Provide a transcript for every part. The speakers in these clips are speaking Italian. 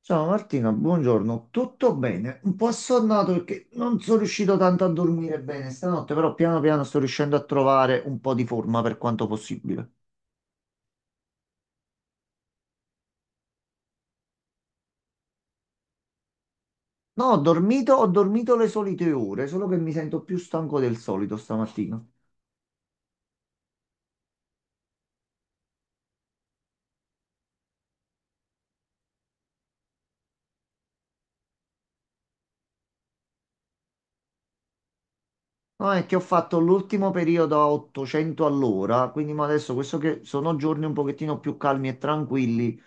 Ciao Martina, buongiorno. Tutto bene? Un po' assonnato perché non sono riuscito tanto a dormire bene stanotte, però piano piano sto riuscendo a trovare un po' di forma per quanto possibile. No, ho dormito le solite ore, solo che mi sento più stanco del solito stamattina. No, è che ho fatto l'ultimo periodo a 800 all'ora, quindi ma adesso questo che sono giorni un pochettino più calmi e tranquilli,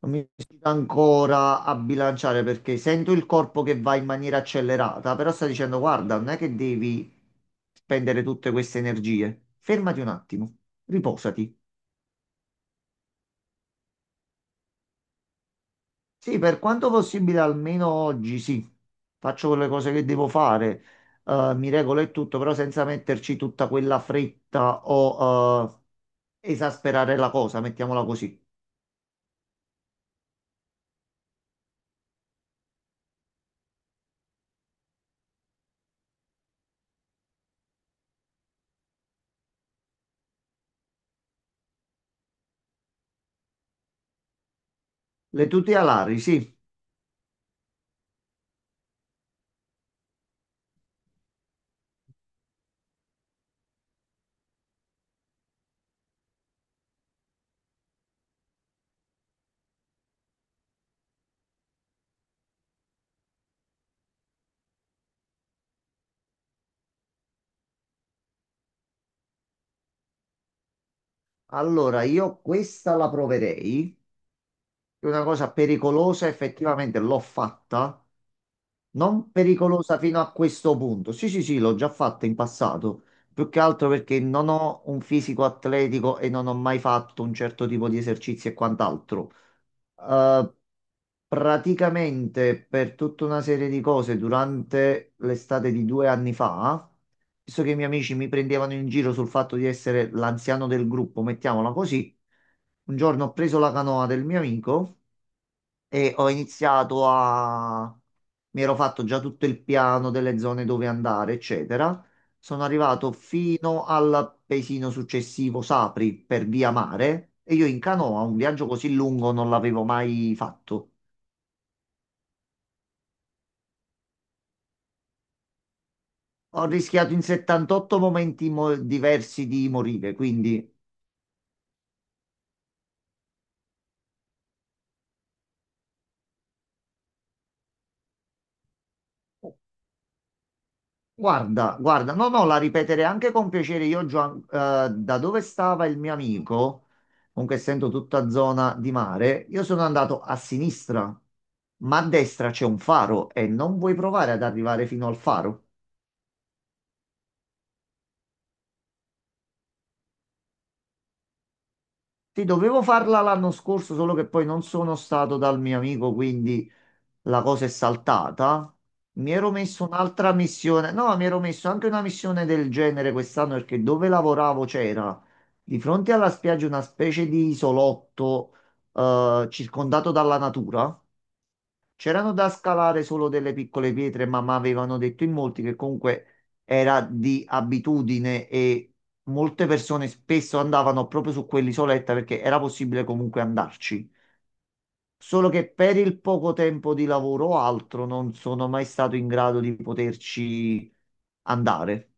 non mi riesco ancora a bilanciare perché sento il corpo che va in maniera accelerata, però sta dicendo, guarda, non è che devi spendere tutte queste energie. Fermati un attimo, riposati. Sì, per quanto possibile, almeno oggi sì, faccio quelle cose che devo fare, mi regolo e tutto, però senza metterci tutta quella fretta o esasperare la cosa, mettiamola così. Le tute alari, sì. Allora, io questa la proverei. Io una cosa pericolosa, effettivamente l'ho fatta, non pericolosa fino a questo punto. Sì, sì, sì, l'ho già fatta in passato, più che altro perché non ho un fisico atletico e non ho mai fatto un certo tipo di esercizi e quant'altro. Eh, praticamente per tutta una serie di cose durante l'estate di 2 anni fa, visto che i miei amici mi prendevano in giro sul fatto di essere l'anziano del gruppo, mettiamola così, un giorno ho preso la canoa del mio amico e ho iniziato a... mi ero fatto già tutto il piano delle zone dove andare, eccetera. Sono arrivato fino al paesino successivo, Sapri, per via mare, e io in canoa un viaggio così lungo non l'avevo mai fatto. Ho rischiato in 78 diversi di morire, quindi guarda, guarda, no, no, la ripeterei anche con piacere. Io già, da dove stava il mio amico, comunque essendo tutta zona di mare, io sono andato a sinistra, ma a destra c'è un faro e non vuoi provare ad arrivare fino al faro. Ti dovevo farla l'anno scorso, solo che poi non sono stato dal mio amico, quindi la cosa è saltata. Mi ero messo un'altra missione, no, mi ero messo anche una missione del genere quest'anno perché dove lavoravo c'era di fronte alla spiaggia una specie di isolotto circondato dalla natura. C'erano da scalare solo delle piccole pietre, ma mi avevano detto in molti che comunque era di abitudine e molte persone spesso andavano proprio su quell'isoletta perché era possibile comunque andarci. Solo che per il poco tempo di lavoro o altro non sono mai stato in grado di poterci andare.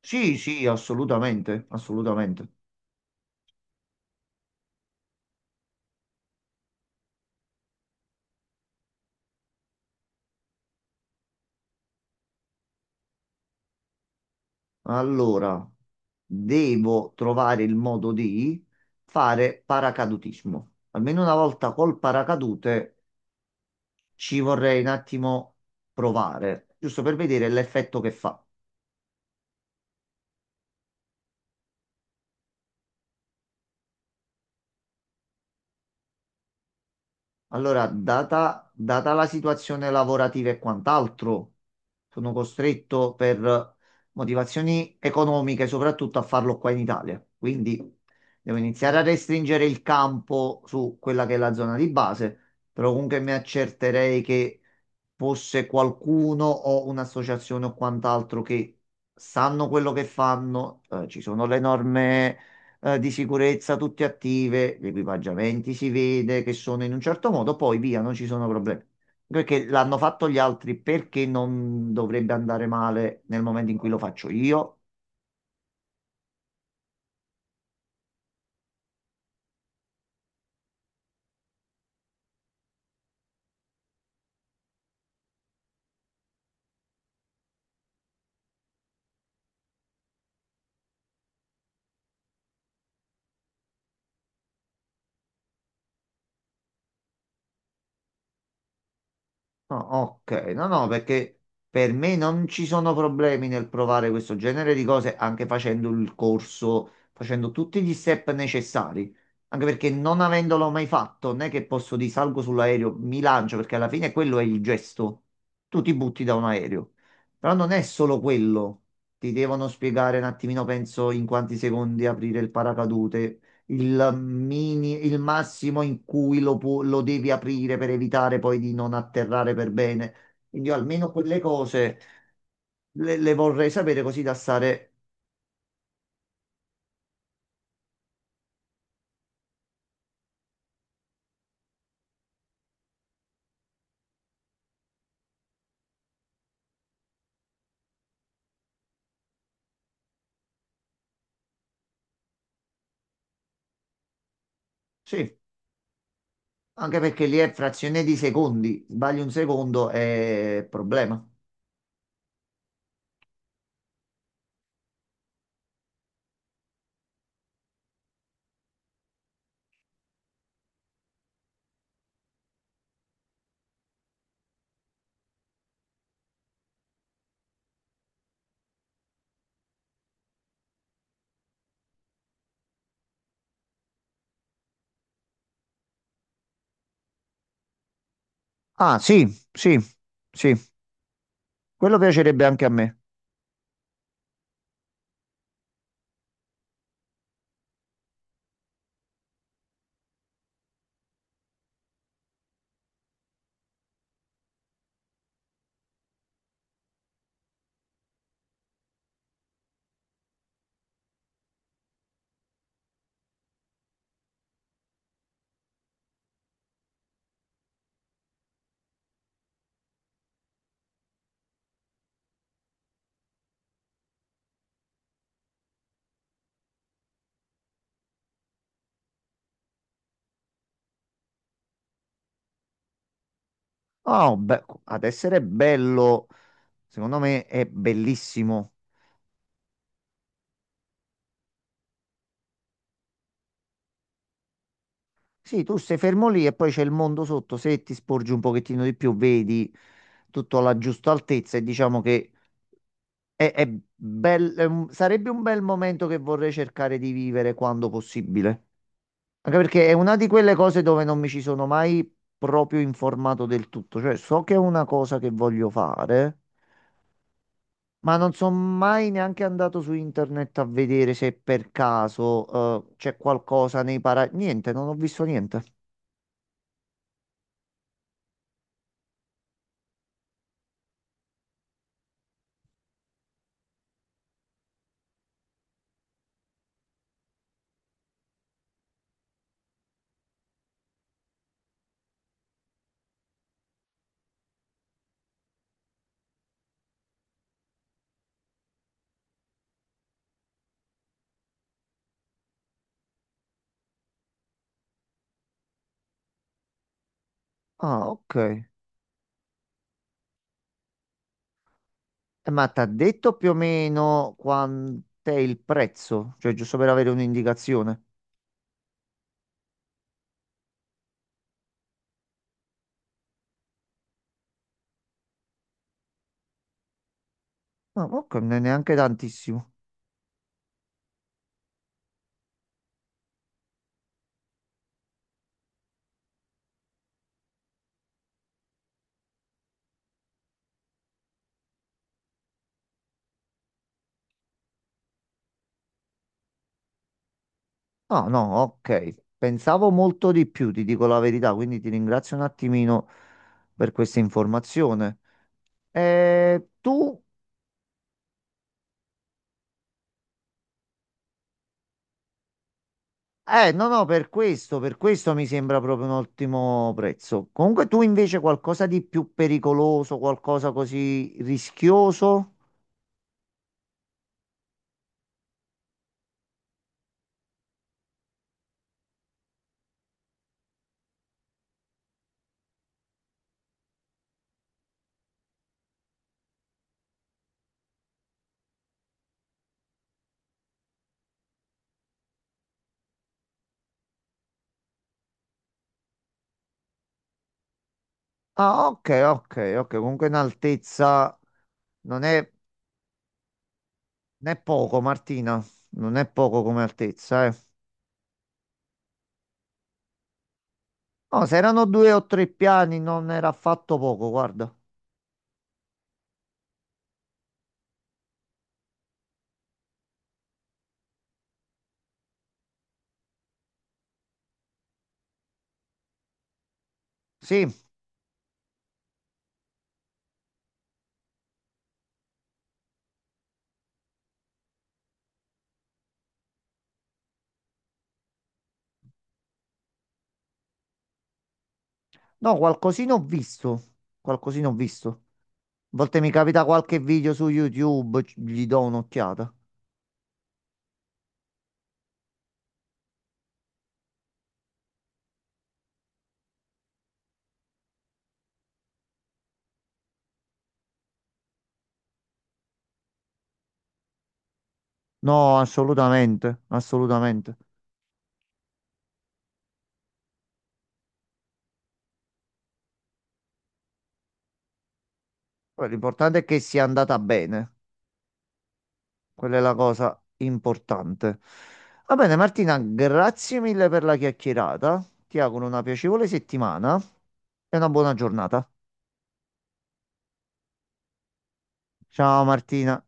Sì, sì, assolutamente, assolutamente. Allora, devo trovare il modo di fare paracadutismo. Almeno una volta col paracadute ci vorrei un attimo provare, giusto per vedere l'effetto che fa. Allora, data la situazione lavorativa e quant'altro, sono costretto per motivazioni economiche soprattutto a farlo qua in Italia. Quindi devo iniziare a restringere il campo su quella che è la zona di base, però comunque mi accerterei che fosse qualcuno o un'associazione o quant'altro che sanno quello che fanno, ci sono le norme di sicurezza tutte attive, gli equipaggiamenti si vede che sono in un certo modo, poi via, non ci sono problemi. Perché l'hanno fatto gli altri, perché non dovrebbe andare male nel momento in cui lo faccio io? No, ok, no, no, perché per me non ci sono problemi nel provare questo genere di cose anche facendo il corso, facendo tutti gli step necessari. Anche perché non avendolo mai fatto, non è che posso di salgo sull'aereo, mi lancio, perché alla fine quello è il gesto. Tu ti butti da un aereo. Però non è solo quello. Ti devono spiegare un attimino, penso, in quanti secondi aprire il paracadute, il massimo in cui lo devi aprire per evitare poi di non atterrare per bene. Quindi io almeno quelle cose le vorrei sapere così da stare... Sì, anche perché lì è frazione di secondi. Sbagli un secondo è problema. Ah, sì, sì, sì. Quello piacerebbe anche a me. Oh, beh, ad essere bello, secondo me è bellissimo. Sì, tu sei fermo lì e poi c'è il mondo sotto, se ti sporgi un pochettino di più, vedi tutto alla giusta altezza e diciamo che è sarebbe un bel momento che vorrei cercare di vivere quando possibile. Anche perché è una di quelle cose dove non mi ci sono mai proprio informato del tutto, cioè so che è una cosa che voglio fare, ma non sono mai neanche andato su internet a vedere se per caso c'è qualcosa nei para... Niente, non ho visto niente. Ah, ok. Ma ti ha detto più o meno quant'è il prezzo? Cioè, giusto per avere un'indicazione. No, ok, non è neanche tantissimo. No, no, ok. Pensavo molto di più, ti dico la verità, quindi ti ringrazio un attimino per questa informazione. Tu? No, no, per questo mi sembra proprio un ottimo prezzo. Comunque tu invece qualcosa di più pericoloso, qualcosa così rischioso? Ah, ok, ok, ok. Comunque in altezza non è, non è poco, Martina. Non è poco come altezza, eh. No, se erano due o tre piani non era affatto poco, guarda. Sì, no, qualcosina ho visto. Qualcosina ho visto. A volte mi capita qualche video su YouTube, gli do un'occhiata. No, assolutamente, assolutamente. Poi l'importante è che sia andata bene. Quella è la cosa importante. Va bene, Martina, grazie mille per la chiacchierata. Ti auguro una piacevole settimana e una buona giornata. Ciao Martina.